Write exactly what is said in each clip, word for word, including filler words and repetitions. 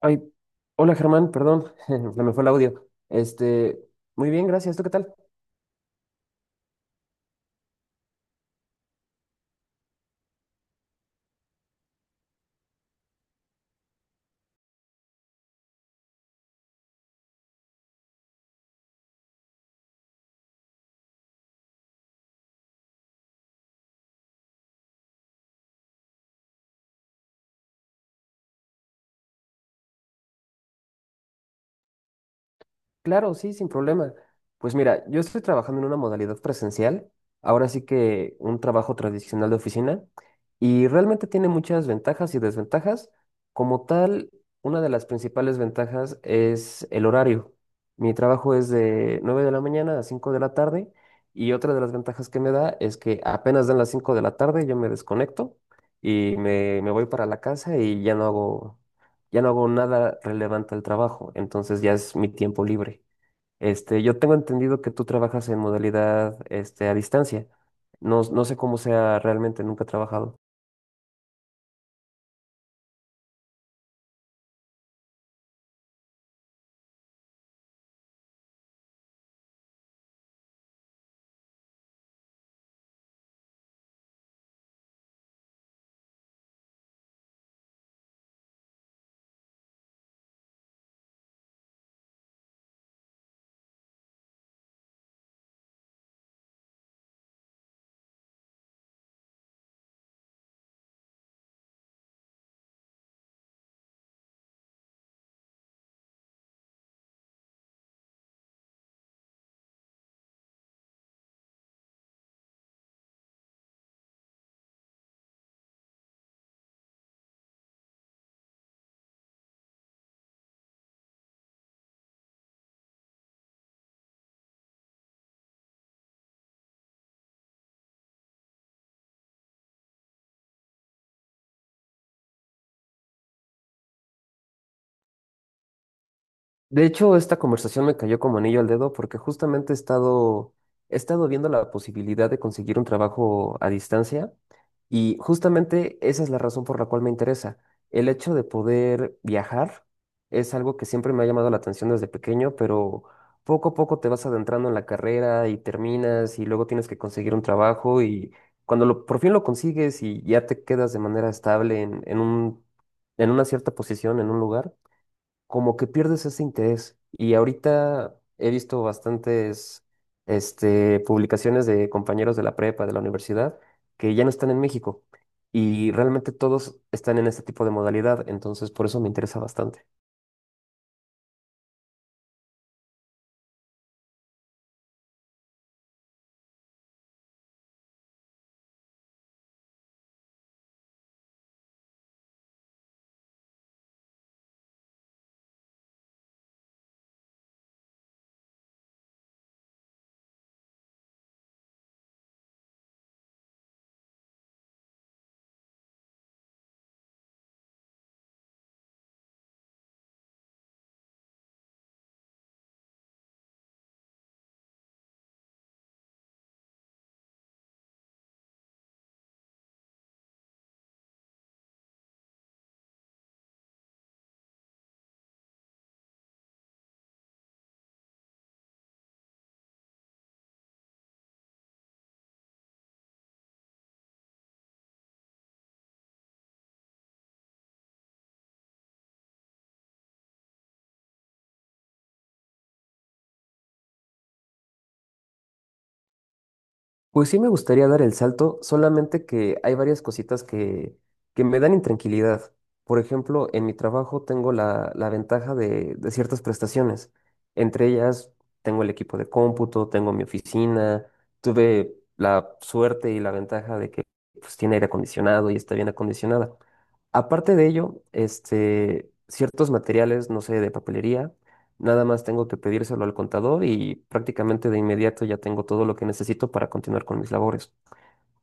Ay, hola Germán, perdón, se me fue el audio. Este, muy bien, gracias. ¿Tú qué tal? Claro, sí, sin problema. Pues mira, yo estoy trabajando en una modalidad presencial, ahora sí que un trabajo tradicional de oficina, y realmente tiene muchas ventajas y desventajas. Como tal, una de las principales ventajas es el horario. Mi trabajo es de nueve de la mañana a cinco de la tarde, y otra de las ventajas que me da es que apenas dan las cinco de la tarde, yo me desconecto y me, me voy para la casa y ya no hago, ya no hago nada relevante al trabajo, entonces ya es mi tiempo libre. Este, yo tengo entendido que tú trabajas en modalidad, este, a distancia. No, no sé cómo sea realmente, nunca he trabajado. De hecho, esta conversación me cayó como anillo al dedo porque justamente he estado, he estado viendo la posibilidad de conseguir un trabajo a distancia. Y justamente esa es la razón por la cual me interesa. El hecho de poder viajar es algo que siempre me ha llamado la atención desde pequeño, pero poco a poco te vas adentrando en la carrera y terminas y luego tienes que conseguir un trabajo y cuando lo- por fin lo consigues y ya te quedas de manera estable en, en un, en una cierta posición, en un lugar, como que pierdes ese interés. Y ahorita he visto bastantes este, publicaciones de compañeros de la prepa, de la universidad, que ya no están en México. Y realmente todos están en este tipo de modalidad, entonces por eso me interesa bastante. Pues sí me gustaría dar el salto, solamente que hay varias cositas que, que me dan intranquilidad. Por ejemplo, en mi trabajo tengo la, la ventaja de, de ciertas prestaciones. Entre ellas, tengo el equipo de cómputo, tengo mi oficina, tuve la suerte y la ventaja de que pues, tiene aire acondicionado y está bien acondicionada. Aparte de ello, este, ciertos materiales, no sé, de papelería. Nada más tengo que pedírselo al contador y prácticamente de inmediato ya tengo todo lo que necesito para continuar con mis labores.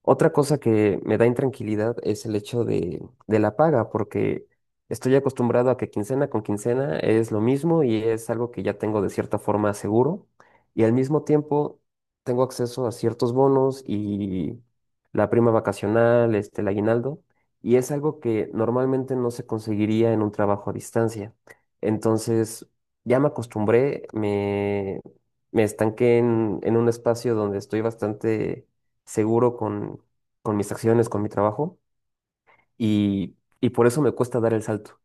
Otra cosa que me da intranquilidad es el hecho de, de la paga, porque estoy acostumbrado a que quincena con quincena es lo mismo y es algo que ya tengo de cierta forma seguro. Y al mismo tiempo tengo acceso a ciertos bonos y la prima vacacional, este, el aguinaldo, y es algo que normalmente no se conseguiría en un trabajo a distancia. Entonces, ya me acostumbré, me, me estanqué en, en un espacio donde estoy bastante seguro con, con mis acciones, con mi trabajo, y, y por eso me cuesta dar el salto.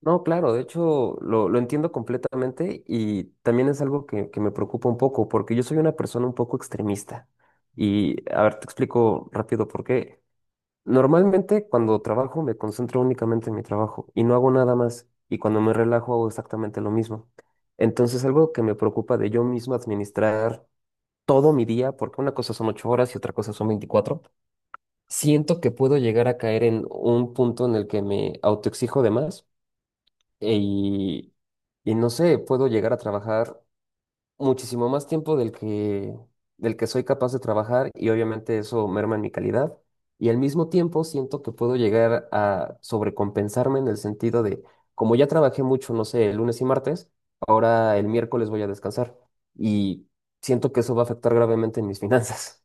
No, claro, de hecho lo, lo entiendo completamente y también es algo que, que me preocupa un poco porque yo soy una persona un poco extremista. Y a ver, te explico rápido por qué. Normalmente cuando trabajo me concentro únicamente en mi trabajo y no hago nada más. Y cuando me relajo hago exactamente lo mismo. Entonces algo que me preocupa de yo mismo administrar todo mi día, porque una cosa son ocho horas y otra cosa son veinticuatro. Siento que puedo llegar a caer en un punto en el que me autoexijo de más e- y, y no sé, puedo llegar a trabajar muchísimo más tiempo del que, del que soy capaz de trabajar y obviamente eso merma en mi calidad. Y al mismo tiempo siento que puedo llegar a sobrecompensarme en el sentido de, como ya trabajé mucho, no sé, el lunes y martes, ahora el miércoles voy a descansar y siento que eso va a afectar gravemente en mis finanzas.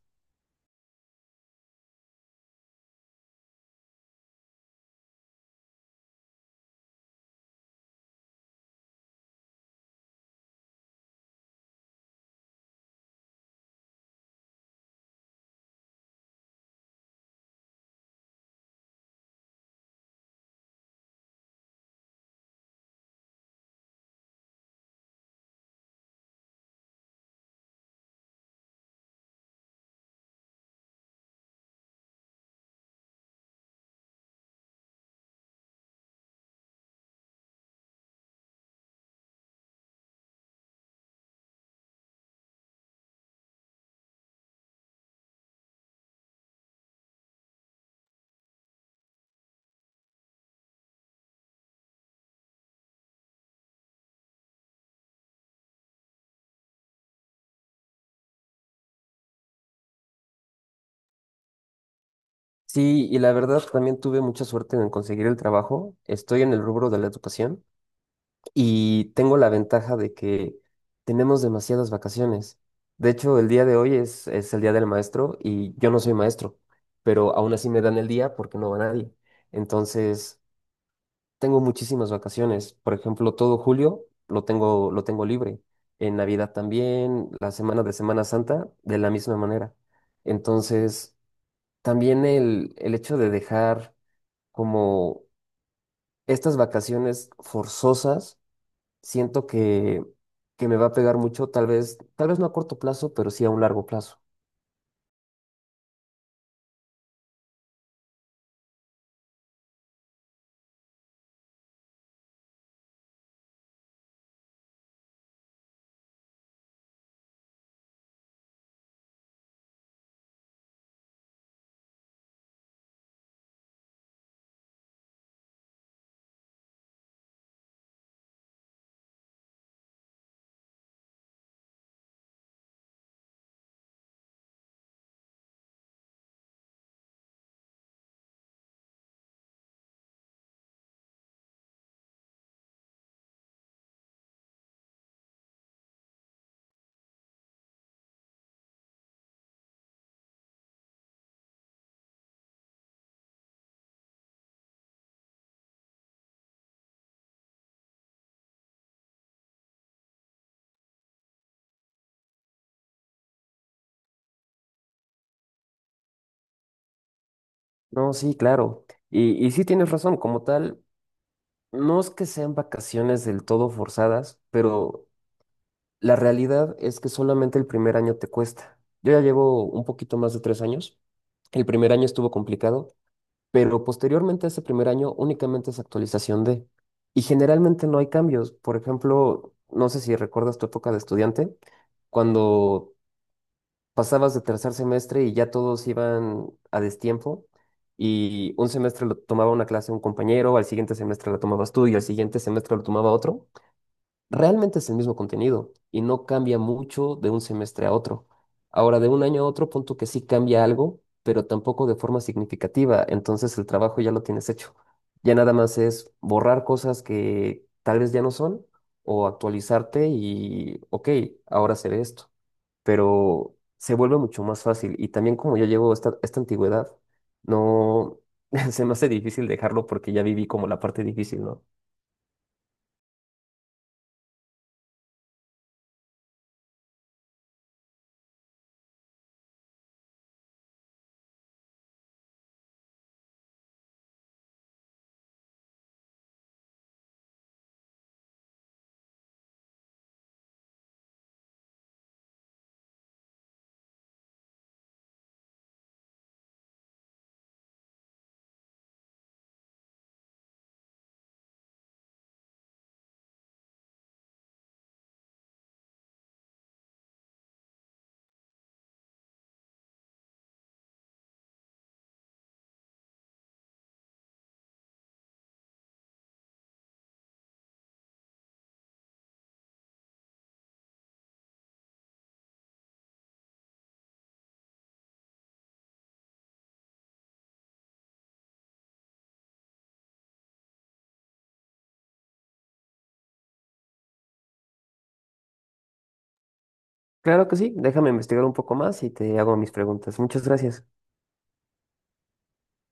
Sí, y la verdad también tuve mucha suerte en conseguir el trabajo. Estoy en el rubro de la educación y tengo la ventaja de que tenemos demasiadas vacaciones. De hecho, el día de hoy es, es el día del maestro y yo no soy maestro, pero aún así me dan el día porque no va nadie. Entonces, tengo muchísimas vacaciones. Por ejemplo, todo julio lo tengo, lo tengo libre. En Navidad también, la semana de Semana Santa, de la misma manera. Entonces, también el, el hecho de dejar como estas vacaciones forzosas, siento que, que me va a pegar mucho, tal vez, tal vez no a corto plazo, pero sí a un largo plazo. No, sí, claro. Y, y sí tienes razón, como tal, no es que sean vacaciones del todo forzadas, pero la realidad es que solamente el primer año te cuesta. Yo ya llevo un poquito más de tres años. El primer año estuvo complicado pero posteriormente a ese primer año únicamente es actualización de. Y generalmente no hay cambios. Por ejemplo, no sé si recuerdas tu época de estudiante, cuando pasabas de tercer semestre y ya todos iban a destiempo y un semestre lo tomaba una clase un compañero, al siguiente semestre la tomabas tú y al siguiente semestre lo tomaba otro. Realmente es el mismo contenido y no cambia mucho de un semestre a otro. Ahora, de un año a otro, punto que sí cambia algo, pero tampoco de forma significativa. Entonces el trabajo ya lo tienes hecho. Ya nada más es borrar cosas que tal vez ya no son o actualizarte y, ok, ahora seré esto. Pero se vuelve mucho más fácil y también como yo llevo esta, esta antigüedad, no se me hace difícil dejarlo porque ya viví como la parte difícil, ¿no? Claro que sí, déjame investigar un poco más y te hago mis preguntas. Muchas gracias.